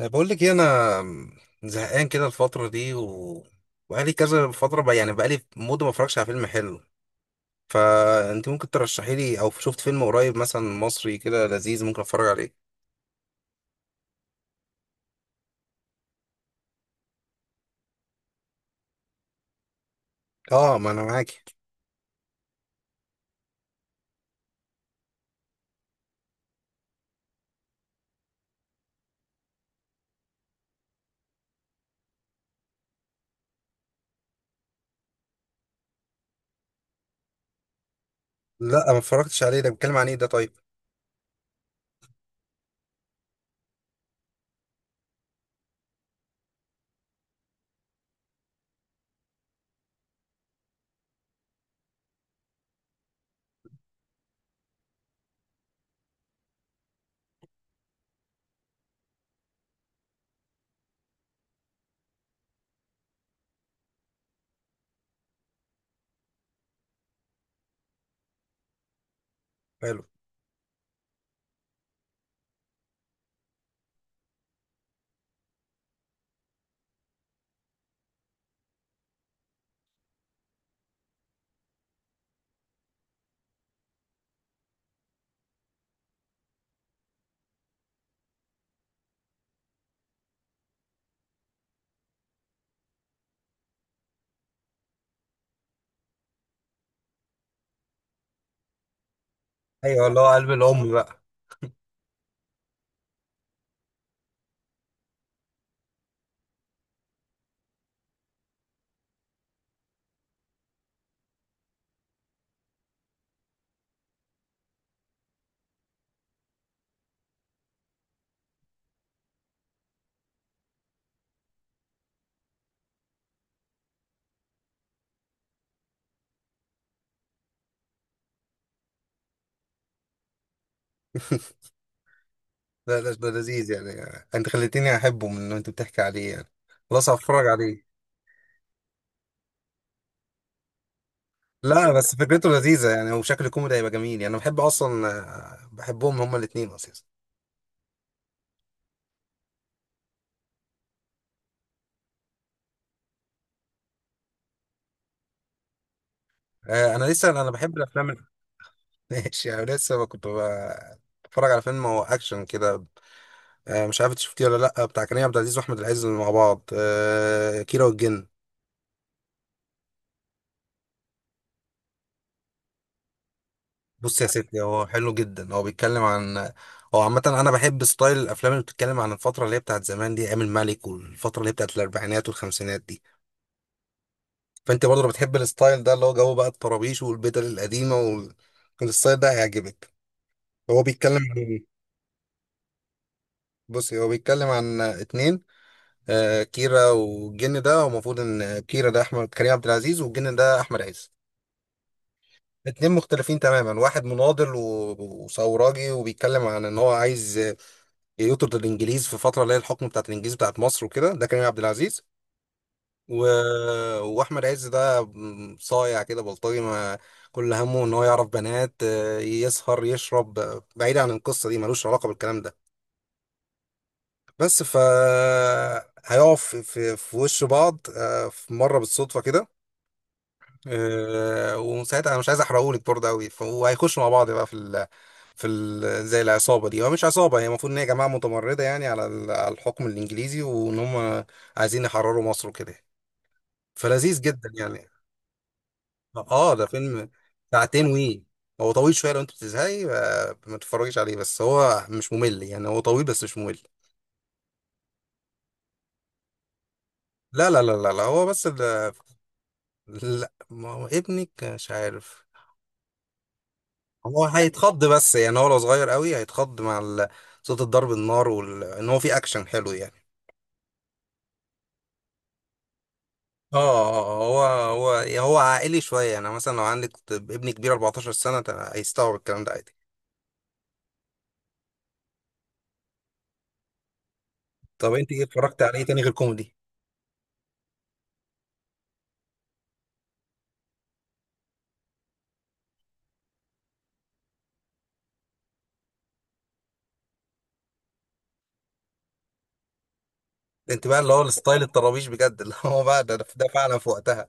بقول لك إيه، انا زهقان كده الفتره دي و... وبقالي كذا فتره بقى، يعني بقالي مده ما اتفرجش على فيلم حلو. فانت ممكن ترشحي لي، او شفت فيلم قريب مثلا مصري كده لذيذ ممكن اتفرج عليه؟ اه، ما انا معاكي. لا، ما اتفرجتش عليه. ده بيتكلم عن ايه ده طيب؟ حلو. ايوه، اللي هو قلب الام بقى. لا لا، ده لذيذ يعني. انت خليتيني احبه من انت بتحكي عليه يعني. خلاص، هتفرج عليه. لا بس فكرته لذيذه يعني، وشكل كوميدي هيبقى جميل يعني. انا بحب اصلا، بحبهم هما الاثنين اصلا. انا لسه، انا بحب الافلام ماشي، انا لسه بتفرج على فيلم هو اكشن كده. مش عارف إنت شفتيه ولا لا، بتاع كريم عبد العزيز واحمد العز مع بعض، كيرة والجن. بص يا ستي، هو حلو جدا. هو بيتكلم عن، هو عامة أنا بحب ستايل الأفلام اللي بتتكلم عن الفترة اللي هي بتاعت زمان دي، أيام الملك والفترة اللي هي بتاعت الأربعينات والخمسينات دي. فأنت برضه لو بتحب الستايل ده، اللي هو جو بقى الطرابيش والبدل القديمة والستايل ده، هيعجبك. هو بيتكلم عن إيه؟ بصي، هو بيتكلم عن اتنين. كيرا والجن، ده هو المفروض ان كيرا ده احمد كريم عبد العزيز، والجن ده احمد عز. اتنين مختلفين تماما. واحد مناضل وثوراجي، وبيتكلم عن ان هو عايز، يطرد الانجليز في فتره اللي هي الحكم بتاعت الانجليز بتاعت مصر وكده، ده كريم عبد العزيز. و... واحمد عز ده، صايع كده بلطجي، ما كل همه ان هو يعرف بنات، يسهر يشرب، بعيد عن القصه دي ملوش علاقه بالكلام ده. بس ف هيقف في وش بعض، في مره بالصدفه كده. أه، ومن ساعتها انا مش عايز احرقهولك برضه قوي. وهيخشوا مع بعض بقى في زي العصابه دي، هو مش عصابه، هي المفروض ان هي جماعه متمرده يعني على على الحكم الانجليزي، وان هم عايزين يحرروا مصر وكده. فلذيذ جدا يعني. اه، ده فيلم ساعتين وي، هو طويل شويه. لو انت بتزهقي، ما تتفرجيش عليه. بس هو مش ممل يعني، هو طويل بس مش ممل. لا لا لا لا, لا، هو بس لا، ما هو ابنك مش عارف. هو هيتخض، بس يعني هو لو صغير قوي هيتخض مع صوت الضرب، النار، وال... ان هو في اكشن حلو يعني. اه، هو هو عائلي شويه يعني. مثلا لو عندك ابن كبير 14 سنه، هيستوعب الكلام ده عادي. طب انت ايه، اتفرجت على ايه تاني غير كوميدي؟ انت بقى اللي هو الستايل الطرابيش بجد، اللي هو بقى ده فعلا في وقتها.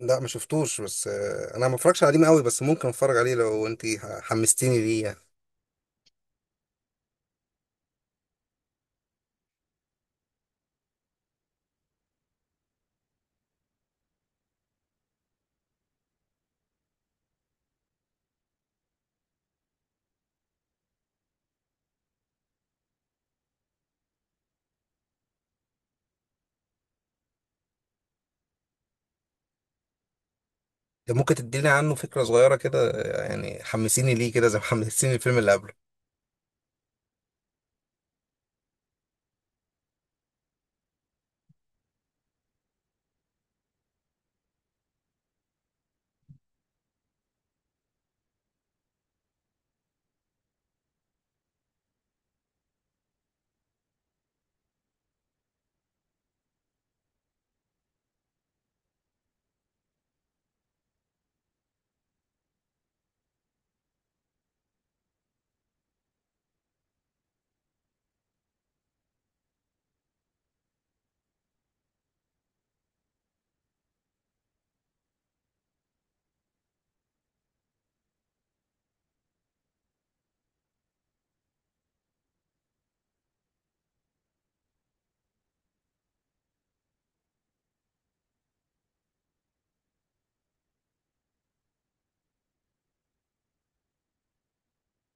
لا، ما شفتوش. بس انا ما اتفرجش عليه قوي، بس ممكن اتفرج عليه لو انت حمستيني ليه يعني. ده ممكن تديني عنه فكره صغيره كده، يعني حمسيني ليه كده، زي ما حمسيني الفيلم اللي قبله.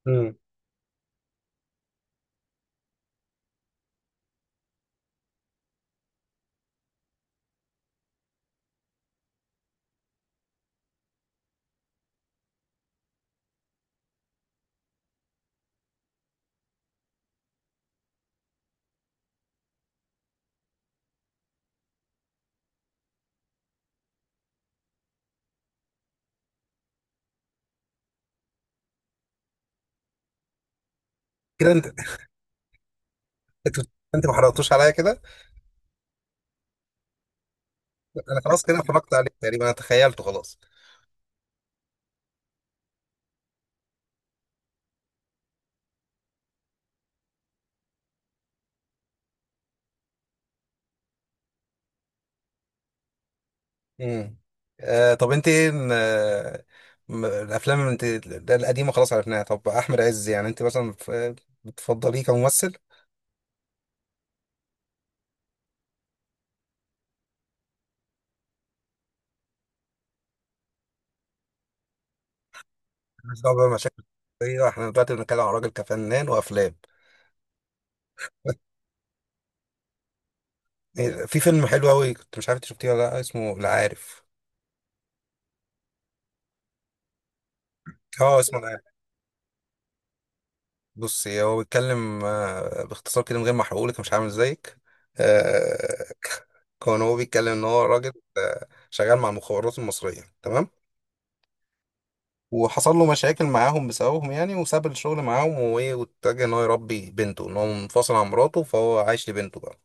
مم. كده انت، انت انت ما حرقتوش عليا كده. انا خلاص كده اتفرجت عليه تقريبا، انا تخيلته خلاص. امم. آه، طب انت ايه الافلام اللي انت، القديمه خلاص عرفناها. طب احمد عز، يعني انت مثلا بتفضليه كممثل؟ مش دعوه بقى مشاكل شخصيه، احنا دلوقتي بنتكلم عن راجل كفنان وافلام. في فيلم حلو قوي، كنت مش عارف انت شفتيه ولا لا، اسمه العارف. اه، اسمه العارف. بص، هو بيتكلم، باختصار كده من غير ما احرقهولك، مش عامل زيك. كان هو بيتكلم ان هو راجل، شغال مع المخابرات المصريه، تمام؟ وحصل له مشاكل معاهم بسببهم يعني، وساب الشغل معاهم. وإيه، واتجه ان هو يربي بنته، ان هو منفصل عن مراته فهو عايش لبنته بقى.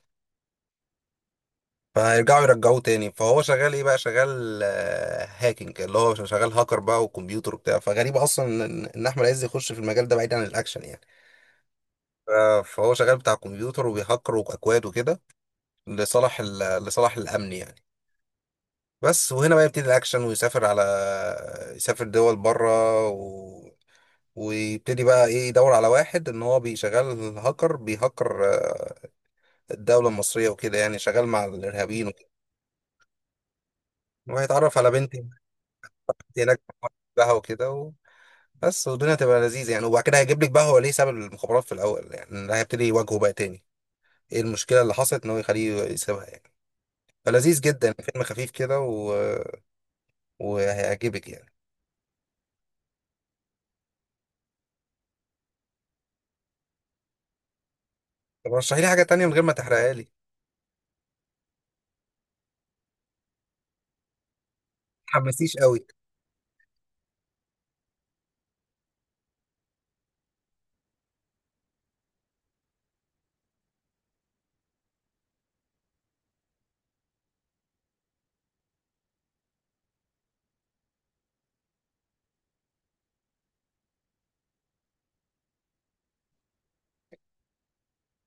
فيرجعوا يرجعوه تاني. فهو شغال ايه بقى، شغال هاكينج، اللي هو شغال هاكر بقى وكمبيوتر وبتاع. فغريب اصلا ان إن احمد عز يخش في المجال ده بعيد عن الاكشن يعني. ف- فهو شغال بتاع كمبيوتر، وبيهكر واكواد وكده، لصالح لصالح الامن يعني. بس وهنا بقى يبتدي الاكشن، ويسافر على، يسافر دول بره، ويبتدي بقى ايه، يدور على واحد ان هو بيشغل هاكر، بيهكر، الدولة المصرية وكده، يعني شغال مع الارهابيين وكده. وهيتعرف على بنت هناك بقى وكده. بس والدنيا تبقى لذيذة يعني. وبعد كده هيجيب لك بقى هو ليه ساب المخابرات في الاول يعني، ده هيبتدي يواجهه بقى تاني، ايه المشكلة اللي حصلت ان هو يخليه يسيبها يعني. فلذيذ جدا، فيلم خفيف كده وهيعجبك يعني. طب رشحي لي حاجة تانية من غير ما تحرقها لي. حماسيش قوي.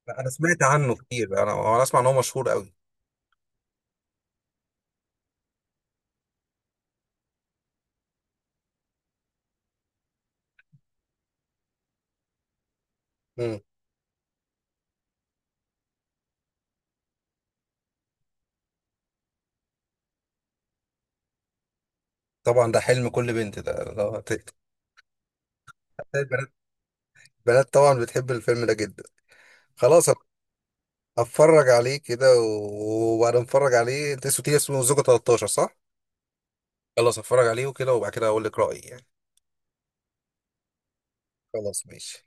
لا، انا سمعت عنه كتير، انا انا اسمع ان هو مشهور قوي. امم. طبعا ده حلم كل بنت، البنات البنات طبعا بتحب الفيلم ده جدا. خلاص أنا اتفرج عليه كده، وبعد ما اتفرج عليه، انت اسمه، اسمه زوجة 13، صح؟ خلاص اتفرج عليه وكده، وبعد كده اقول لك رأيي يعني. خلاص، ماشي.